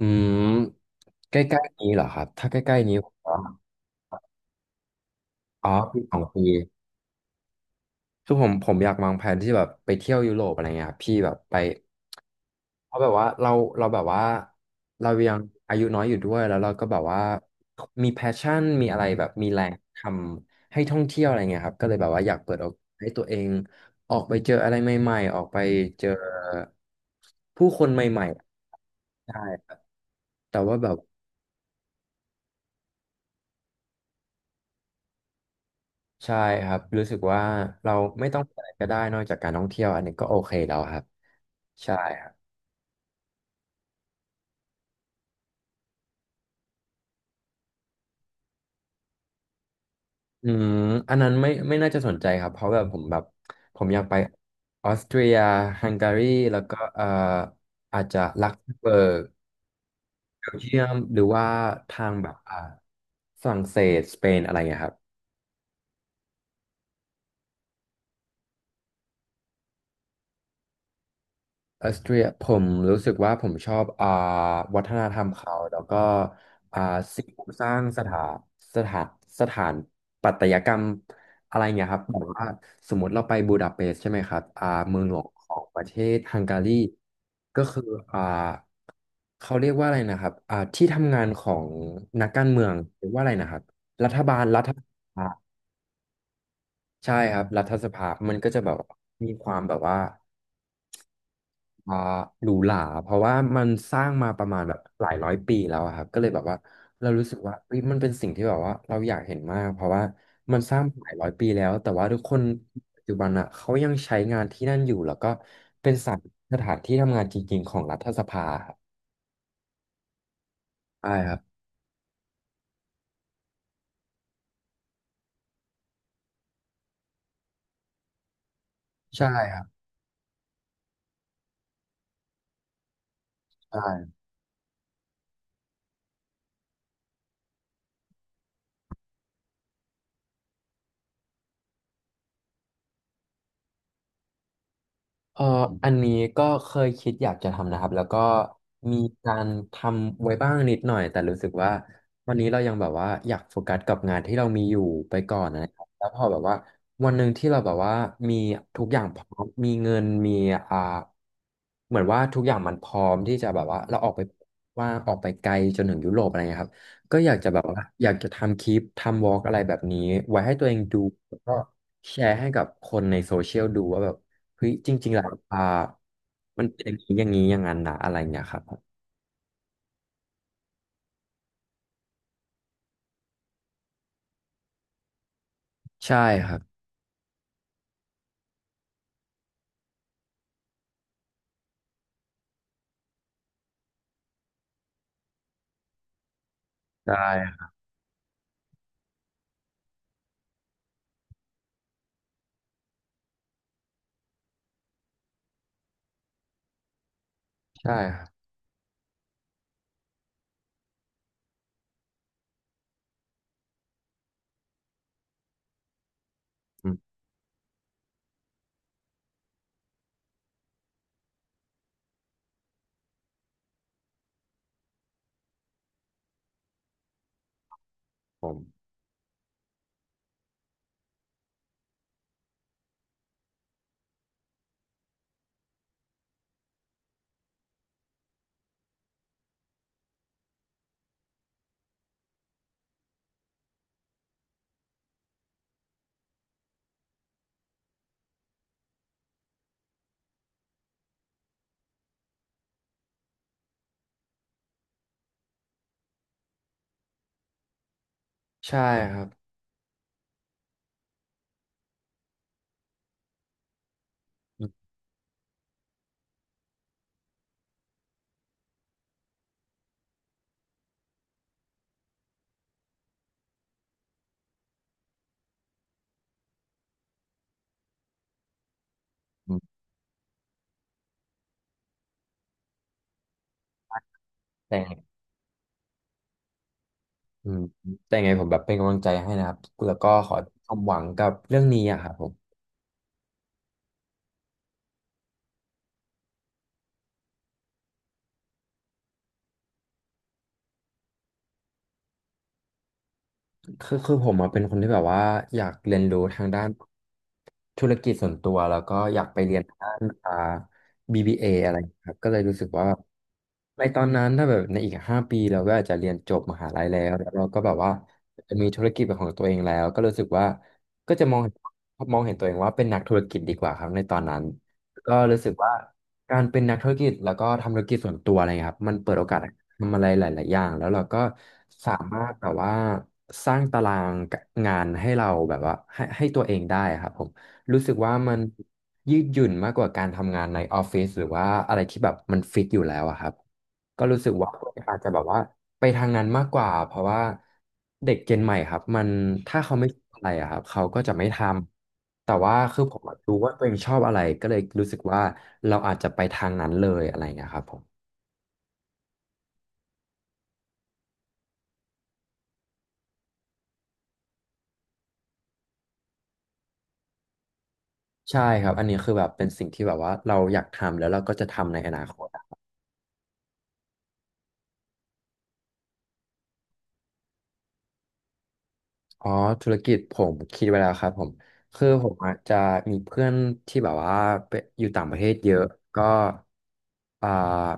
อืมใกล้ๆนี้เหรอครับถ้าใกล้ๆนี้ผมว่าอ๋อปีสองปีคือผมอยากวางแผนที่แบบไปเที่ยวยุโรปอะไรเงี้ยครับพี่แบบไปเพราะแบบว่าเราแบบว่าเรายังอายุน้อยอยู่ด้วยแล้วเราก็แบบว่ามีแพชชั่นมีอะไรแบบมีแรงทำให้ท่องเที่ยวอะไรเงี้ยครับก็เลยแบบว่าอยากเปิดโอกาสให้ตัวเองออกไปเจออะไรใหม่ๆออกไปเจอผู้คนใหม่ๆใช่แต่ว่าแบบ ใช่ครับรู้สึกว่าเราไม่ต้องมีอะไรก็ได้นอกจากการท่องเที่ยวอันนี้ก็โอเคแล้วครับใช่ครับอืมอันนั้นไม่น่าจะสนใจครับเพราะแบบผมแบบผมอยากไปออสเตรียฮังการีแล้วก็อาจจะลักเซมเบิร์กเบลเยียมหรือว่าทางแบบฝรั่งเศสสเปนอะไรอย่างเงี้ยครับ ออสเตรียผมรู้สึกว่าผมชอบวัฒนธรรมเขาแล้วก็อ่าสิ่งปลูกสร้างสถานสถานปัตยกรรมอะไรเงี้ยครับแบบว่าสมมติเราไปบูดาเปสต์ใช่ไหมครับเมืองหลวงของประเทศฮังการีก็คืออ่าเขาเรียกว่าอะไรนะครับที่ทำงานของนักการเมืองเรียกว่าอะไรนะครับรัฐสภาใช่ครับรัฐสภามันก็จะแบบว่ามีความแบบว่า อ่าหรูหราเพราะว่ามันสร้างมาประมาณแบบหลายร้อยปีแล้วอะครับก็เลยแบบว่าเรารู้สึกว่าเฮ้ยมันเป็นสิ่งที่แบบว่าเราอยากเห็นมากเพราะว่ามันสร้างมาหลายร้อยปีแล้วแต่ว่าทุกคนปัจจุบันอ่ะเขายังใช้งานที่นั่นอยู่แล้วก็เป็นสถานที่ทำงานจริงๆของรัฐสภาครับใช่ครับใช่ครับใช่ เอ่ออันนี้ก็เคยคิดอยากจะทำนะครับแล้วก็มีการทำไว้บ้างนิดหน่อยแต่รู้สึกว่าวันนี้เรายังแบบว่าอยากโฟกัสกับงานที่เรามีอยู่ไปก่อนนะครับแล้วพอแบบว่าวันหนึ่งที่เราแบบว่ามีทุกอย่างพร้อมมีเงินมีอ่าเหมือนว่าทุกอย่างมันพร้อมที่จะแบบว่าเราออกไปว่าออกไปไกลจนถึงยุโรปอะไรเงี้ยครับก็อยากจะแบบว่าอยากจะทำคลิปทำวอล์กอะไรแบบนี้ไว้ให้ตัวเองดูแล้วก็แชร์ให้กับคนในโซเชียลดูว่าแบบ เฮ้ยจริงๆแล้วมันเป็นอย่างนี้อย่างนี้อย่างนั้นนะอะไรเนี่ยครับผมใช่ครับใช่ครับใช่ครับอืมผมใช่ครับอืมอืมแต่อืมแต่ยังไงผมแบบเป็นกำลังใจให้นะครับแล้วก็ขอความหวังกับเรื่องนี้อะครับผม คือผมอะเป็นคนที่แบบว่าอยากเรียนรู้ทางด้านธุรกิจส่วนตัวแล้วก็อยากไปเรียนทางด้านBBA ออะไรครับก็เลยรู้สึกว่าในตอนนั้นถ้าแบบในอีก5 ปีเราก็อาจจะเรียนจบมหาลัยแล้วแล้วเราก็แบบว่ามีธุรกิจเป็นของตัวเองแล้วก็รู้สึกว่าก็จะมองเห็นตัวเองว่าเป็นนักธุรกิจดีกว่าครับในตอนนั้นก็รู้สึกว่า การเป็นนักธุรกิจแล้วก็ทำธุรกิจส่วนตัวอะไรเงี้ยครับมันเปิดโอกาสให้ทำอะไรหลายๆอย่างแล้วเราก็สามารถแบบว่าสร้างตารางงานให้เราแบบว่าให้ตัวเองได้ครับผม รู้สึกว่ามันยืดหยุ่นมากกว่าการทำงานในออฟฟิศหรือว่าอะไรที่แบบมันฟิกอยู่แล้วอะครับก็รู้สึกว่าอาจจะแบบว่าไปทางนั้นมากกว่าเพราะว่าเด็กเจนใหม่ครับมันถ้าเขาไม่ชอบอะไรอะครับเขาก็จะไม่ทำแต่ว่าคือผมอะรู้ว่าตัวเองชอบอะไรก็เลยรู้สึกว่าเราอาจจะไปทางนั้นเลยอะไรอย่างเงี้ยครับผมใช่ครับอันนี้คือแบบเป็นสิ่งที่แบบว่าเราอยากทำแล้วเราก็จะทำในอนาคต อ๋อธุรกิจผมคิดไว้แล้วครับผมคือผมอะจะมีเพื่อนที่แบบว่าไปอยู่ต่างประเทศเยอะก็อ่า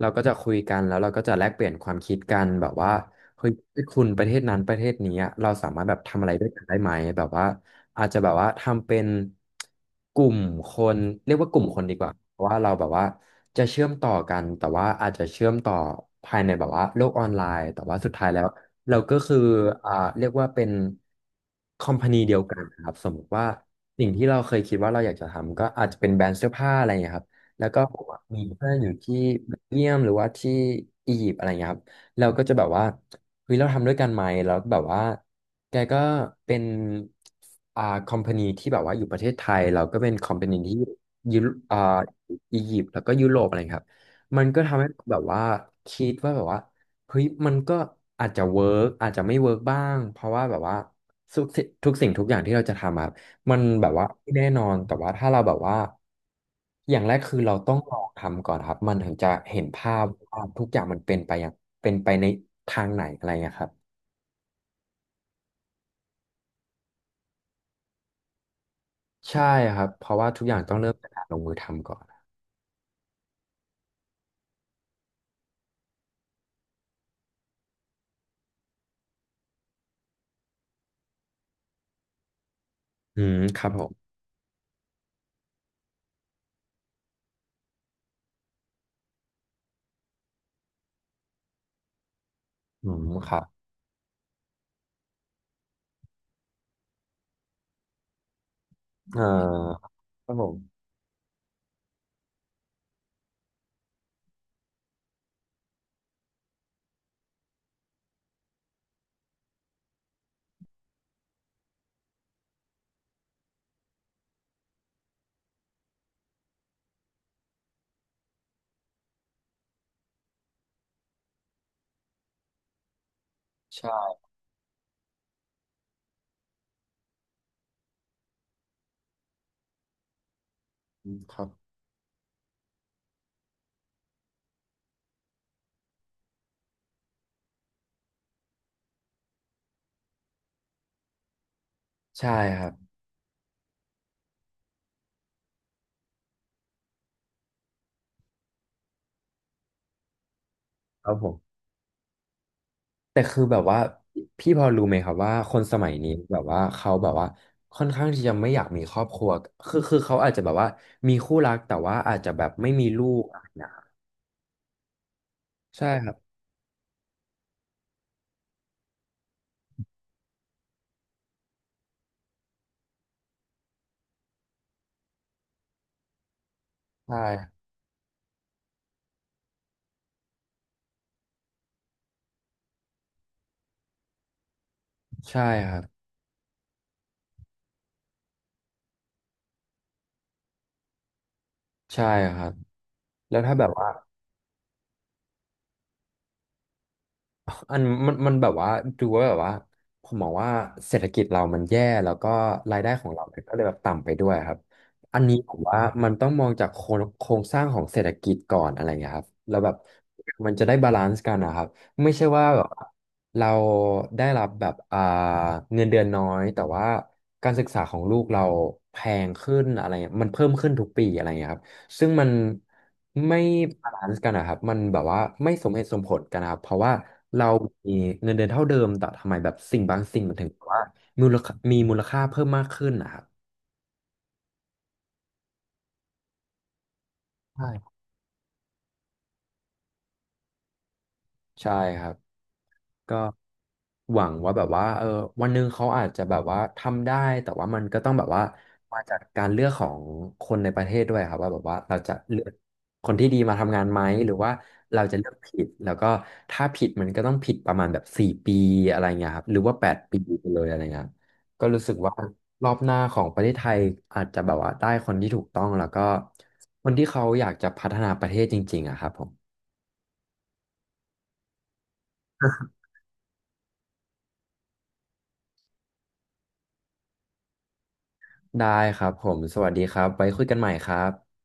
เราก็จะคุยกันแล้วเราก็จะแลกเปลี่ยนความคิดกันแบบว่าเฮ้ยคุณประเทศนั้นประเทศนี้อะเราสามารถแบบทำอะไรด้วยกันได้ไหมแบบว่าอาจจะแบบว่าทำเป็นกลุ่มคนเรียกว่ากลุ่มคนดีกว่าเพราะว่าเราแบบว่าจะเชื่อมต่อกันแต่ว่าอาจจะเชื่อมต่อภายในแบบว่าโลกออนไลน์แต่ว่าสุดท้ายแล้ว เราก็คืออ่าเรียกว่าเป็นคอมพานีเดียวกันครับสมมติว่าสิ่งที่เราเคยคิดว่าเราอยากจะทำก็อาจจะเป็นแบรนด์เสื้อผ้าอะไรอย่างเงี้ยครับแล้วก็ผมอะมีเพื่อนอยู่ที่เบลเยียมหรือว่าที่อียิปต์อะไรเงี้ยครับเราก็จะแบบว่าเฮ้ยเราทำด้วยกันไหมแล้วแบบว่าแกก็เป็นคอมพานีที่แบบว่าอยู่ประเทศไทยเราก็เป็นคอมพานีที่ยุโรอ่าอียิปต์แล้วก็ยุโรปอะไรครับมันก็ทำให้แบบว่าคิดว่าแบบว่า เฮ้ยมันก็อาจจะเวิร์กอาจจะไม่เวิร์กบ้างเพราะว่าแบบว่าทุกสิ่งทุกอย่างที่เราจะทำอะมันแบบว่าไม่แน่นอนแต่ว่าถ้าเราแบบว่าอย่างแรกคือเราต้องลองทำก่อนครับมันถึงจะเห็นภาพว่าทุกอย่างมันเป็นไปอย่างเป็นไปในทางไหนอะไรเงี้ยครับใช่ครับเพราะว่าทุกอย่างต้องเริ่มจากการลงมือทำก่อนอืมครับผมอืมครับเอ่อครับผมใช่ครับใช่ครับครับผมแต่คือแบบ พี่พอรู้ไหมครับว่าคนสมัยนี้แบบว่าเขาแบบว่าค่อนข้างที่จะไม่อยากมีครอบครัวคือเขาอาจจะแบบว่ามีคู่รักแต่ว่าอาจจะแบบไม่มีลูกอะไรนะครับใช่ครับใช่ใช่ครับใช่ครับแล้วถ้าแบบว่า อันมันแบบว่าดูว่าแบบว่าผมมองว่าเศรษฐกิจเรามันแย่แล้วก็รายได้ของเรามันก็เลยแบบต่ำไปด้วยครับอันนี้ผมว่ามันต้องมองจากโครงสร้างของเศรษฐกิจก่อนอะไรเงี้ยครับแล้วแบบมันจะได้บาลานซ์กันนะครับไม่ใช่ว่าแบบเราได้รับแบบเงินเดือนน้อยแต่ว่าการศึกษาของลูกเราแพงขึ้นอะไรเงี้ยมันเพิ่มขึ้นทุกปีอะไรเงี้ยครับ ซึ่งมันไม่บาลานซ์กันนะครับมันแบบว่าไม่สมเหตุสมผลกันนะครับ เพราะว่าเรามีเงินเดือนเท่าเดิมแต่ทำไมแบบสิ่งบางสิ่งมันถึงแบบว่ามูลค่ามีมูลค่าเพิ่มมากขึ้นนะครับ ใช่ใช่ครับ ก็หวังว่าแบบว่าเออวันหนึ่งเขาอาจจะแบบว่าทำได้แต่ว่ามันก็ต้องแบบว่ามาจากการเลือกของคนในประเทศด้วยครับว่าแบบว่าเราจะเลือกคนที่ดีมาทำงานไหมหรือว่าเราจะเลือกผิดแล้วก็ถ้าผิดมันก็ต้องผิดประมาณแบบ4 ปีอะไรเงี้ยครับหรือว่า8 ปีไปเลยอะไรเงี้ยก็รู้สึกว่ารอบหน้าของประเทศไทยอาจจะแบบว่าได้คนที่ถูกต้องแล้วก็คนที่เขาอยากจะพัฒนาประเทศจริงๆอะครับผมได้ครับผมสวัสดีครับไว้คุยกันใหม่ครับ